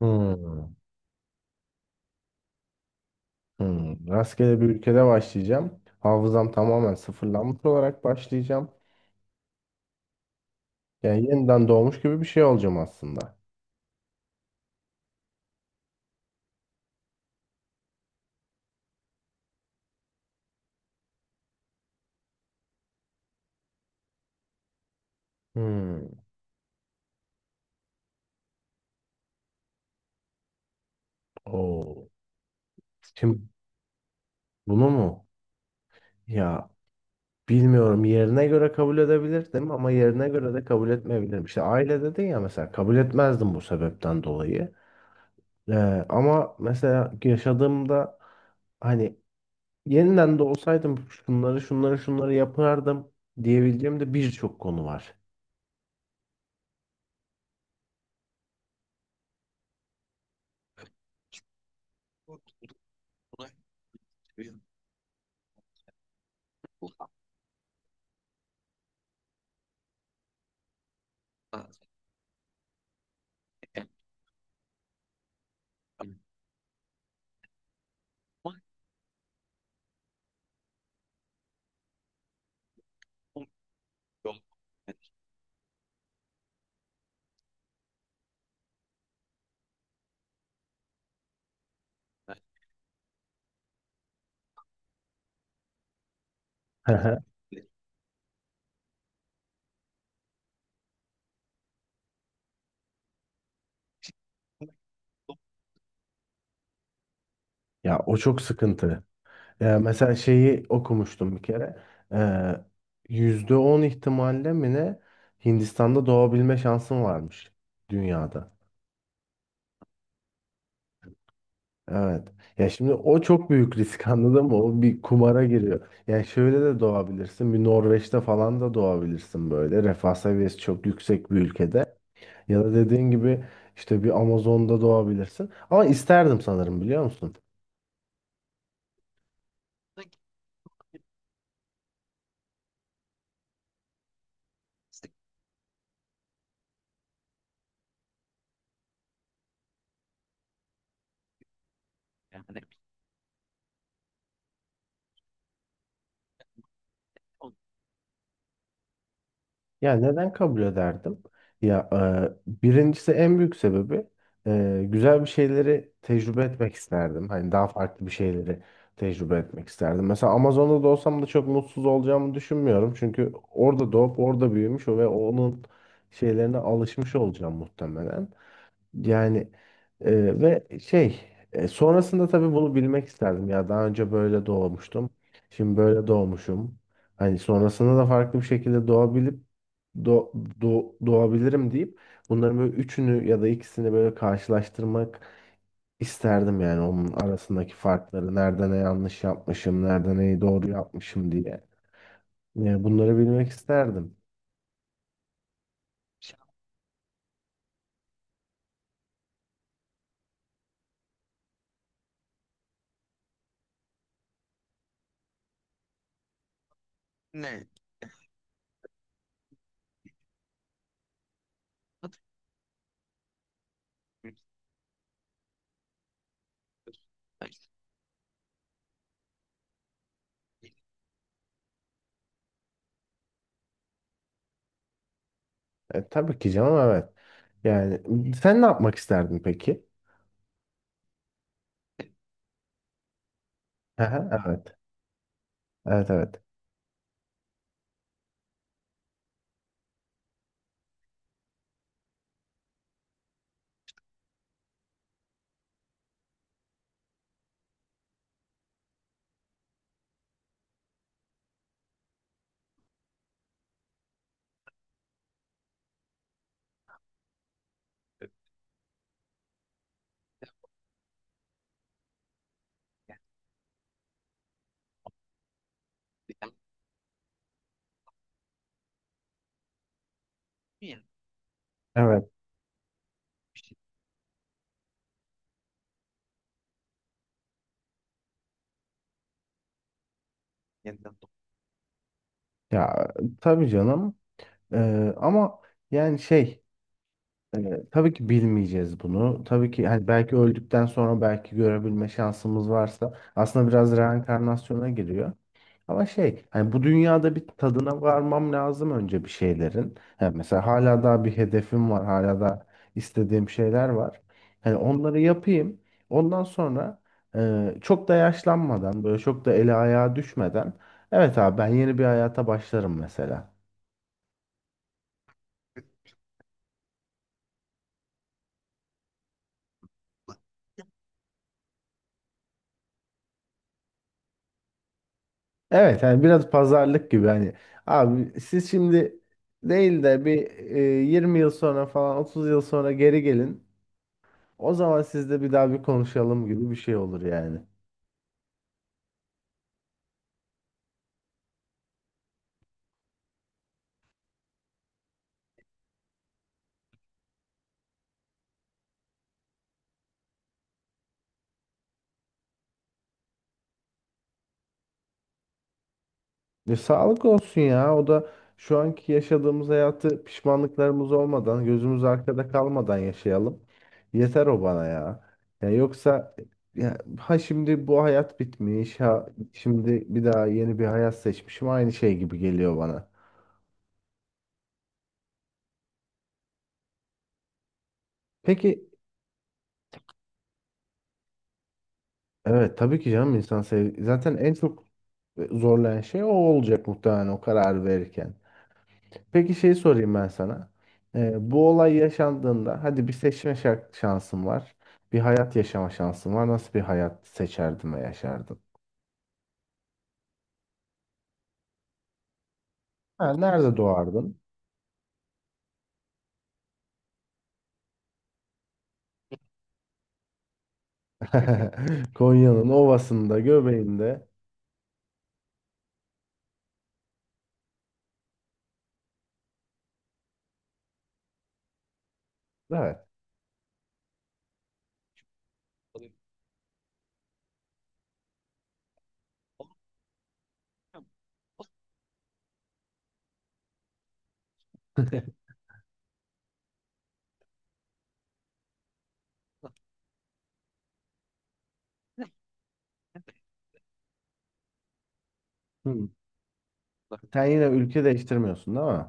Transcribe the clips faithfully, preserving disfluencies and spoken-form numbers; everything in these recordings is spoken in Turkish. Hmm, hmm. Rastgele bir ülkede başlayacağım. Hafızam tamamen sıfırlanmış olarak başlayacağım. Yani yeniden doğmuş gibi bir şey olacağım aslında. Hmm. Oo. Şimdi bunu mu? Ya bilmiyorum. Yerine göre kabul edebilirdim ama yerine göre de kabul etmeyebilirim. İşte aile dedin ya, mesela kabul etmezdim bu sebepten dolayı. Ee, ama mesela yaşadığımda hani yeniden de olsaydım şunları şunları şunları yapardım diyebileceğim de birçok konu var. Hı hı. Ya o çok sıkıntı. Ya mesela şeyi okumuştum bir kere. Ee, yüzde on ihtimalle mi ne, Hindistan'da doğabilme şansın varmış dünyada. Evet. Ya şimdi o çok büyük risk anladın mı? O bir kumara giriyor. Yani şöyle de doğabilirsin. Bir Norveç'te falan da doğabilirsin böyle. Refah seviyesi çok yüksek bir ülkede. Ya da dediğin gibi işte bir Amazon'da doğabilirsin. Ama isterdim sanırım, biliyor musun? Ya neden kabul ederdim? Ya e, birincisi en büyük sebebi, e, güzel bir şeyleri tecrübe etmek isterdim. Hani daha farklı bir şeyleri tecrübe etmek isterdim. Mesela Amazon'da da olsam da çok mutsuz olacağımı düşünmüyorum. Çünkü orada doğup orada büyümüş ve onun şeylerine alışmış olacağım muhtemelen. Yani e, ve şey, e, sonrasında tabii bunu bilmek isterdim ya, daha önce böyle doğmuştum. Şimdi böyle doğmuşum. Hani sonrasında da farklı bir şekilde doğabilip do, do- doğabilirim deyip bunların böyle üçünü ya da ikisini böyle karşılaştırmak isterdim yani, onun arasındaki farkları nerede ne yanlış yapmışım, nerede neyi doğru yapmışım diye. Yani bunları bilmek isterdim. E, tabii ki canım, evet. Yani sen ne yapmak isterdin peki? Aha, evet. Evet, evet. Evet ya, tabii canım. Ee, ama yani şey, e, tabii ki bilmeyeceğiz bunu. Tabii ki hani belki öldükten sonra, belki görebilme şansımız varsa aslında biraz reenkarnasyona giriyor. Ama şey, hani bu dünyada bir tadına varmam lazım önce bir şeylerin. Yani mesela hala daha bir hedefim var. Hala da istediğim şeyler var. Hani onları yapayım. Ondan sonra e, çok da yaşlanmadan, böyle çok da eli ayağa düşmeden, evet abi, ben yeni bir hayata başlarım mesela. Evet, hani biraz pazarlık gibi, hani abi siz şimdi değil de bir, e, yirmi yıl sonra falan, otuz yıl sonra geri gelin. O zaman sizle bir daha bir konuşalım gibi bir şey olur yani. E, sağlık olsun ya. O da şu anki yaşadığımız hayatı pişmanlıklarımız olmadan, gözümüz arkada kalmadan yaşayalım. Yeter o bana ya. Ya yoksa, ya, ha şimdi bu hayat bitmiş, ha şimdi bir daha yeni bir hayat seçmişim. Aynı şey gibi geliyor bana. Peki, evet tabii ki canım, insan sev, zaten en çok e, zorlayan şey o olacak muhtemelen, o karar verirken. Peki şeyi sorayım ben sana. Ee, bu olay yaşandığında, hadi bir seçme şa- şansın var. Bir hayat yaşama şansın var. Nasıl bir hayat seçerdin ve yaşardın? Ha, nerede doğardın? Konya'nın ovasında, göbeğinde. Evet. Hı. Sen yine ülke değiştirmiyorsun değil mi?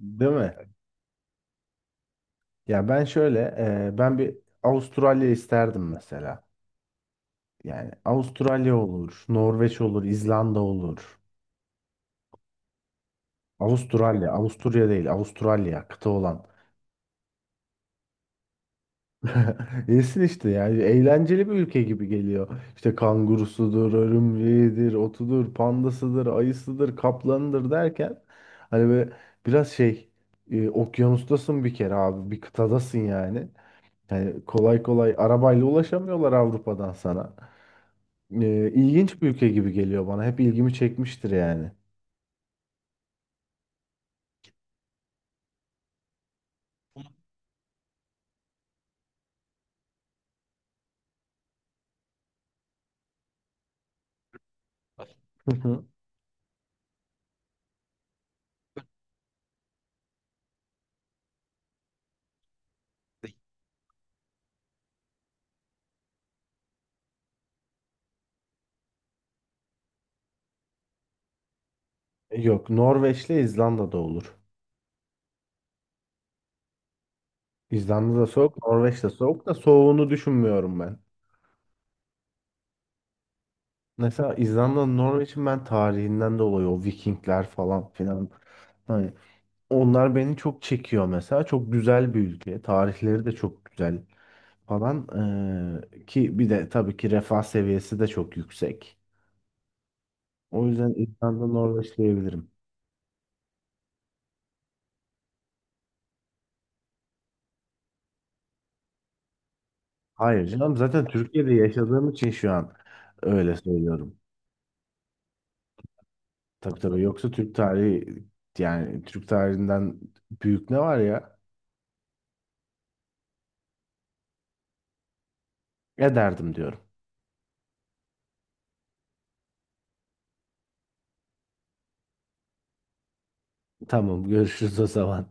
Değil mi? Ya ben şöyle, e, ben bir Avustralya isterdim mesela. Yani Avustralya olur, Norveç olur, İzlanda olur. Avustralya, Avusturya değil, Avustralya, kıta olan. Yesin işte, yani eğlenceli bir ülke gibi geliyor. İşte kangurusudur, örümceğidir, otudur, pandasıdır, ayısıdır, kaplanıdır derken, hani böyle biraz şey, e, okyanustasın bir kere abi, bir kıtadasın yani. Yani kolay kolay arabayla ulaşamıyorlar Avrupa'dan sana. E, ilginç bir ülke gibi geliyor bana. Hep ilgimi çekmiştir yani. Hı hı. Yok, Norveç'le İzlanda'da olur. İzlanda'da soğuk, Norveç'te soğuk da soğuğunu düşünmüyorum ben. Mesela İzlanda'nın, Norveç'in, ben tarihinden dolayı o Vikingler falan filan, hani onlar beni çok çekiyor mesela. Çok güzel bir ülke. Tarihleri de çok güzel falan. Ee, ki bir de tabii ki refah seviyesi de çok yüksek. O yüzden İzlanda, Norveç diyebilirim. Hayır canım, zaten Türkiye'de yaşadığım için şu an öyle söylüyorum. Tabii tabii, yoksa Türk tarihi, yani Türk tarihinden büyük ne var ya? Ya derdim, diyorum. Tamam, görüşürüz o zaman.